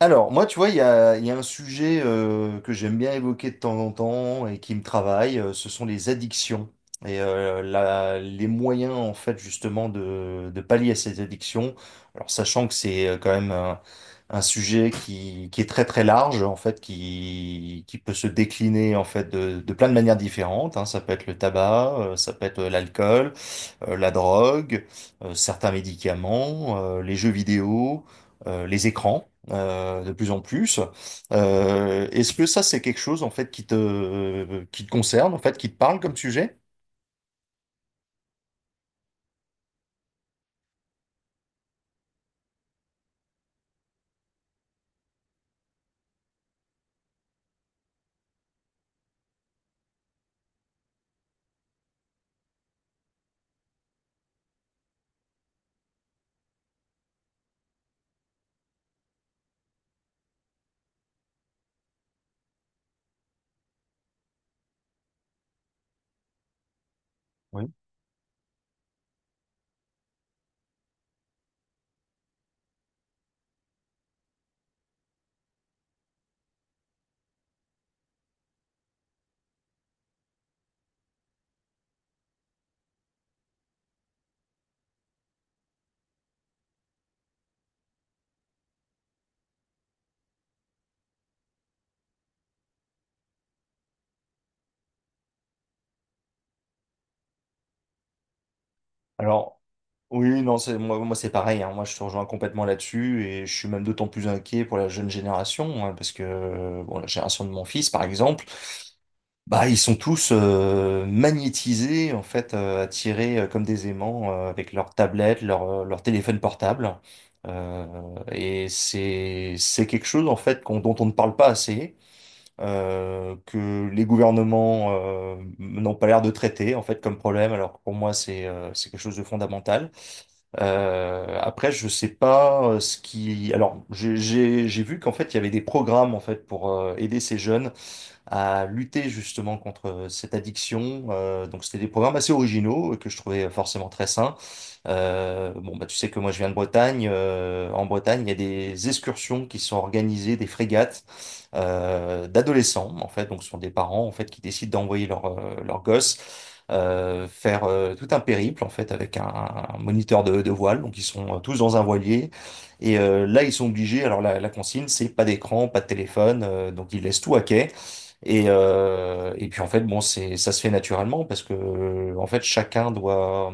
Alors, moi, tu vois, il y a un sujet que j'aime bien évoquer de temps en temps et qui me travaille, ce sont les addictions et les moyens, en fait, justement, de pallier à ces addictions. Alors, sachant que c'est quand même un sujet qui est très très large en fait qui peut se décliner en fait de plein de manières différentes hein. Ça peut être le tabac, ça peut être l'alcool, la drogue, certains médicaments, les jeux vidéo, les écrans de plus en plus. Est-ce que ça c'est quelque chose en fait qui te concerne en fait qui te parle comme sujet? Oui. Alors oui, non, c'est, moi c'est pareil, hein. Moi, je te rejoins complètement là-dessus et je suis même d'autant plus inquiet pour la jeune génération hein, parce que bon, la génération de mon fils, par exemple, bah ils sont tous magnétisés en fait, attirés comme des aimants avec leur tablette, leur téléphone portable. Euh, et c'est quelque chose en fait dont on ne parle pas assez que les gouvernements n'ont pas l'air de traiter en fait comme problème, alors que pour moi c'est quelque chose de fondamental. Après, je sais pas ce qui. Alors, j'ai vu qu'en fait il y avait des programmes en fait pour aider ces jeunes à lutter justement contre cette addiction. Donc c'était des programmes assez originaux que je trouvais forcément très sains. Bon, bah, tu sais que moi je viens de Bretagne. En Bretagne, il y a des excursions qui sont organisées, des frégates d'adolescents, en fait. Donc ce sont des parents en fait qui décident d'envoyer leur gosse, faire tout un périple en fait avec un moniteur de voile, donc ils sont tous dans un voilier et là ils sont obligés, alors la consigne c'est pas d'écran, pas de téléphone, donc ils laissent tout à quai et puis en fait, bon, c'est, ça se fait naturellement parce que en fait, chacun doit,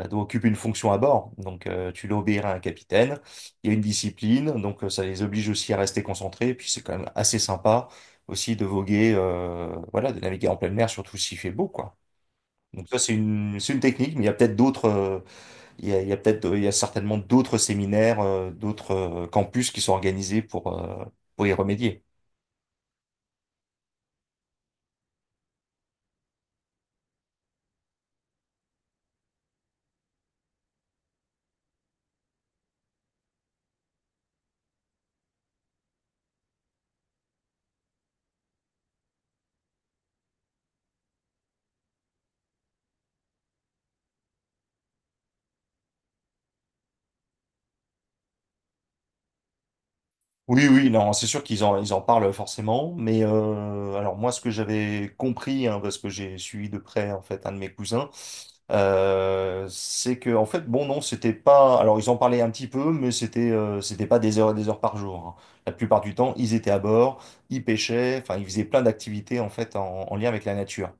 euh, doit occuper une fonction à bord. Donc, tu dois obéir à un capitaine. Il y a une discipline, donc ça les oblige aussi à rester concentrés. Et puis c'est quand même assez sympa aussi de voguer, voilà, de naviguer en pleine mer, surtout s'il fait beau, quoi. Donc ça, c'est c'est une technique, mais il y a peut-être d'autres, il y a certainement d'autres séminaires, d'autres campus qui sont organisés pour y remédier. Oui, oui, non, c'est sûr ils en parlent forcément, mais alors moi, ce que j'avais compris, hein, parce que j'ai suivi de près en fait un de mes cousins, c'est que en fait, bon, non, c'était pas. Alors, ils en parlaient un petit peu, mais c'était pas des heures et des heures par jour, hein. La plupart du temps, ils étaient à bord, ils pêchaient, enfin, ils faisaient plein d'activités en fait en lien avec la nature.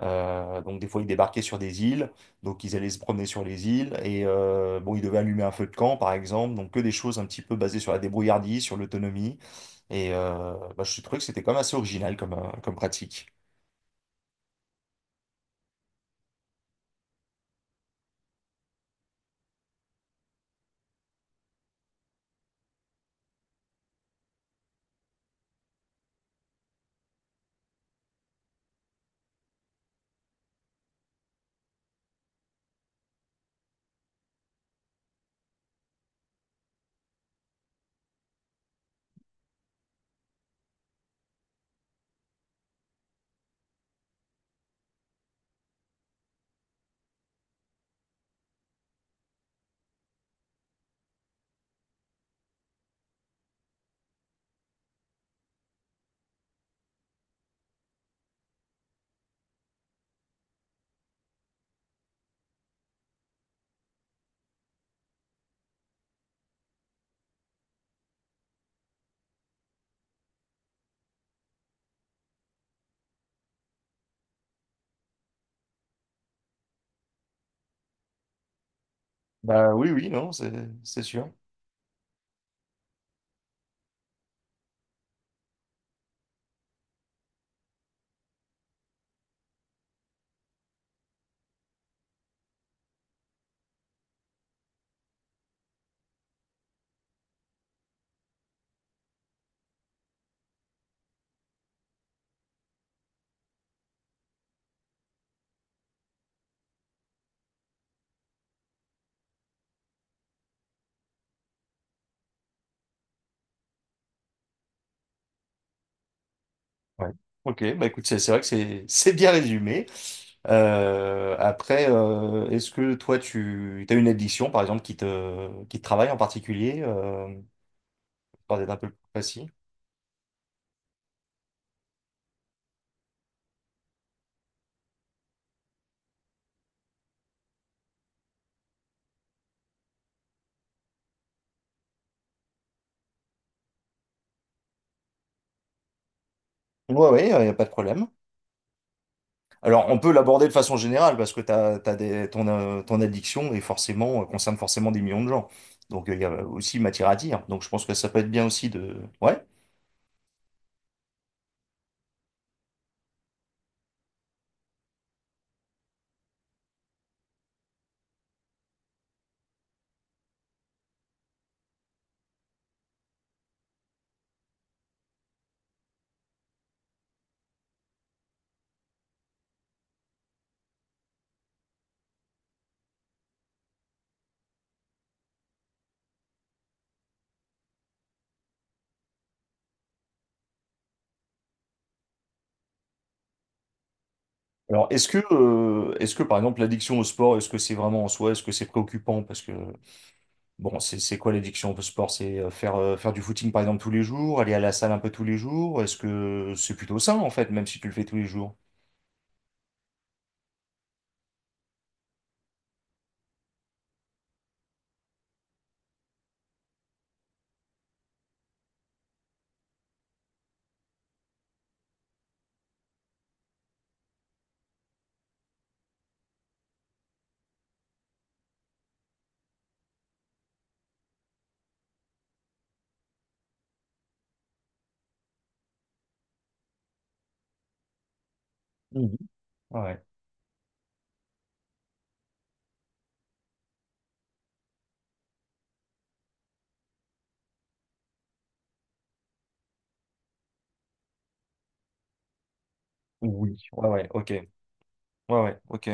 Donc des fois ils débarquaient sur des îles, donc ils allaient se promener sur les îles et bon ils devaient allumer un feu de camp par exemple, donc que des choses un petit peu basées sur la débrouillardise, sur l'autonomie et bah, je trouvais que c'était quand même assez original comme, comme pratique. Bah oui, oui, non, c'est sûr. Ouais. Ok, bah écoute, c'est vrai que c'est bien résumé. Après est-ce que toi tu as une addiction par exemple qui te travaille en particulier, pour être un peu plus précis? Ouais, ouais, il n'y a pas de problème. Alors, on peut l'aborder de façon générale parce que t'as des, ton addiction est forcément, concerne forcément des millions de gens. Donc, il y a aussi matière à dire. Donc, je pense que ça peut être bien aussi de. Ouais. Alors, est-ce que, par exemple, l'addiction au sport, est-ce que c'est vraiment en soi, est-ce que c'est préoccupant? Parce que, bon, c'est quoi l'addiction au sport? C'est faire du footing, par exemple, tous les jours, aller à la salle un peu tous les jours. Est-ce que c'est plutôt sain, en fait, même si tu le fais tous les jours? Mhm. Ouais. Oui. Ouais, ouais, ok. Ouais, ouais, ok.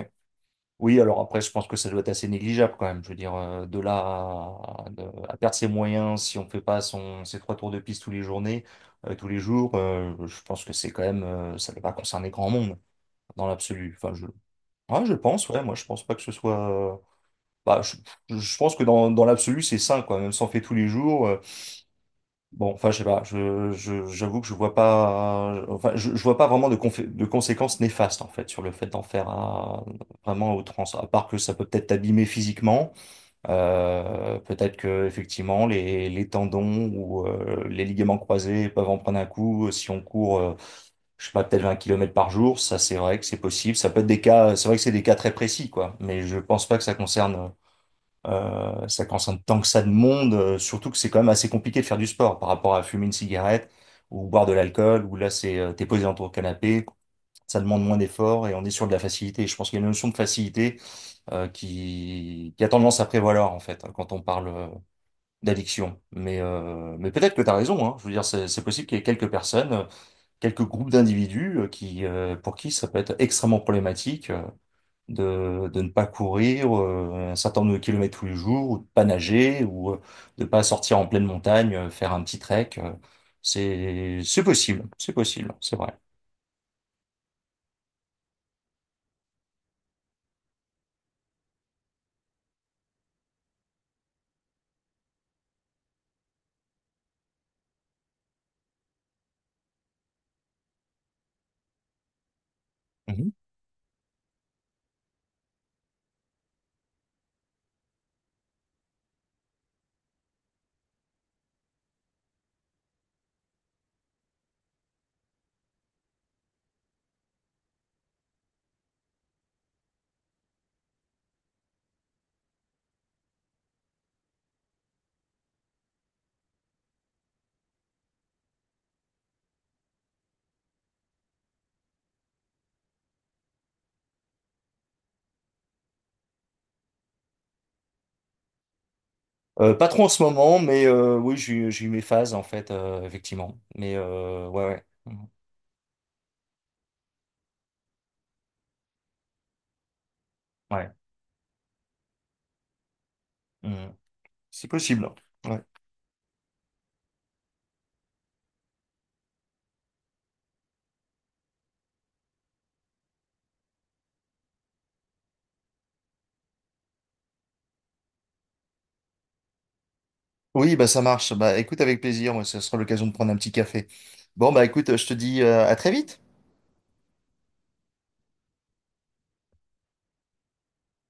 Oui, alors après, je pense que ça doit être assez négligeable quand même. Je veux dire, de là à- de- à perdre ses moyens si on fait pas ses trois tours de piste tous les journées, tous les jours, je pense que c'est quand même, ça ne va pas concerner grand monde dans l'absolu. Ouais, je pense, ouais, moi je pense pas que ce soit. euh, bah, je, je pense que dans, dans l'absolu, c'est sain, quoi. Même si on fait tous les jours. Bon, enfin, je sais pas, j'avoue que je vois pas, enfin, je vois pas vraiment de, de conséquences néfastes, en fait, sur le fait d'en faire un, vraiment à outrance. À part que ça peut peut-être t'abîmer physiquement, peut-être que, effectivement, les tendons ou les ligaments croisés peuvent en prendre un coup. Si on court, je sais pas, peut-être 20 kilomètres par jour, ça, c'est vrai que c'est possible. Ça peut être des cas, c'est vrai que c'est des cas très précis, quoi, mais je pense pas que ça concerne ça consomme tant que ça de monde, surtout que c'est quand même assez compliqué de faire du sport par rapport à fumer une cigarette ou boire de l'alcool, où là c'est t'es posé dans ton canapé, ça demande moins d'efforts et on est sur de la facilité. Je pense qu'il y a une notion de facilité qui a tendance à prévaloir en fait hein, quand on parle d'addiction. Mais peut-être que t'as raison, hein. Je veux dire, c'est possible qu'il y ait quelques personnes, quelques groupes d'individus qui pour qui ça peut être extrêmement problématique, de ne pas courir un certain nombre de kilomètres tous les jours, ou de pas nager, ou de pas sortir en pleine montagne, faire un petit trek, c'est possible, c'est possible, c'est vrai. Mhm. Pas trop en ce moment, mais oui, j'ai eu mes phases en fait, effectivement. Mais ouais, ouais. Mhm. Ouais. Mhm. C'est possible. Ouais. Oui, bah ça marche. Bah écoute, avec plaisir. Moi, ça sera l'occasion de prendre un petit café. Bon, bah écoute, je te dis à très vite.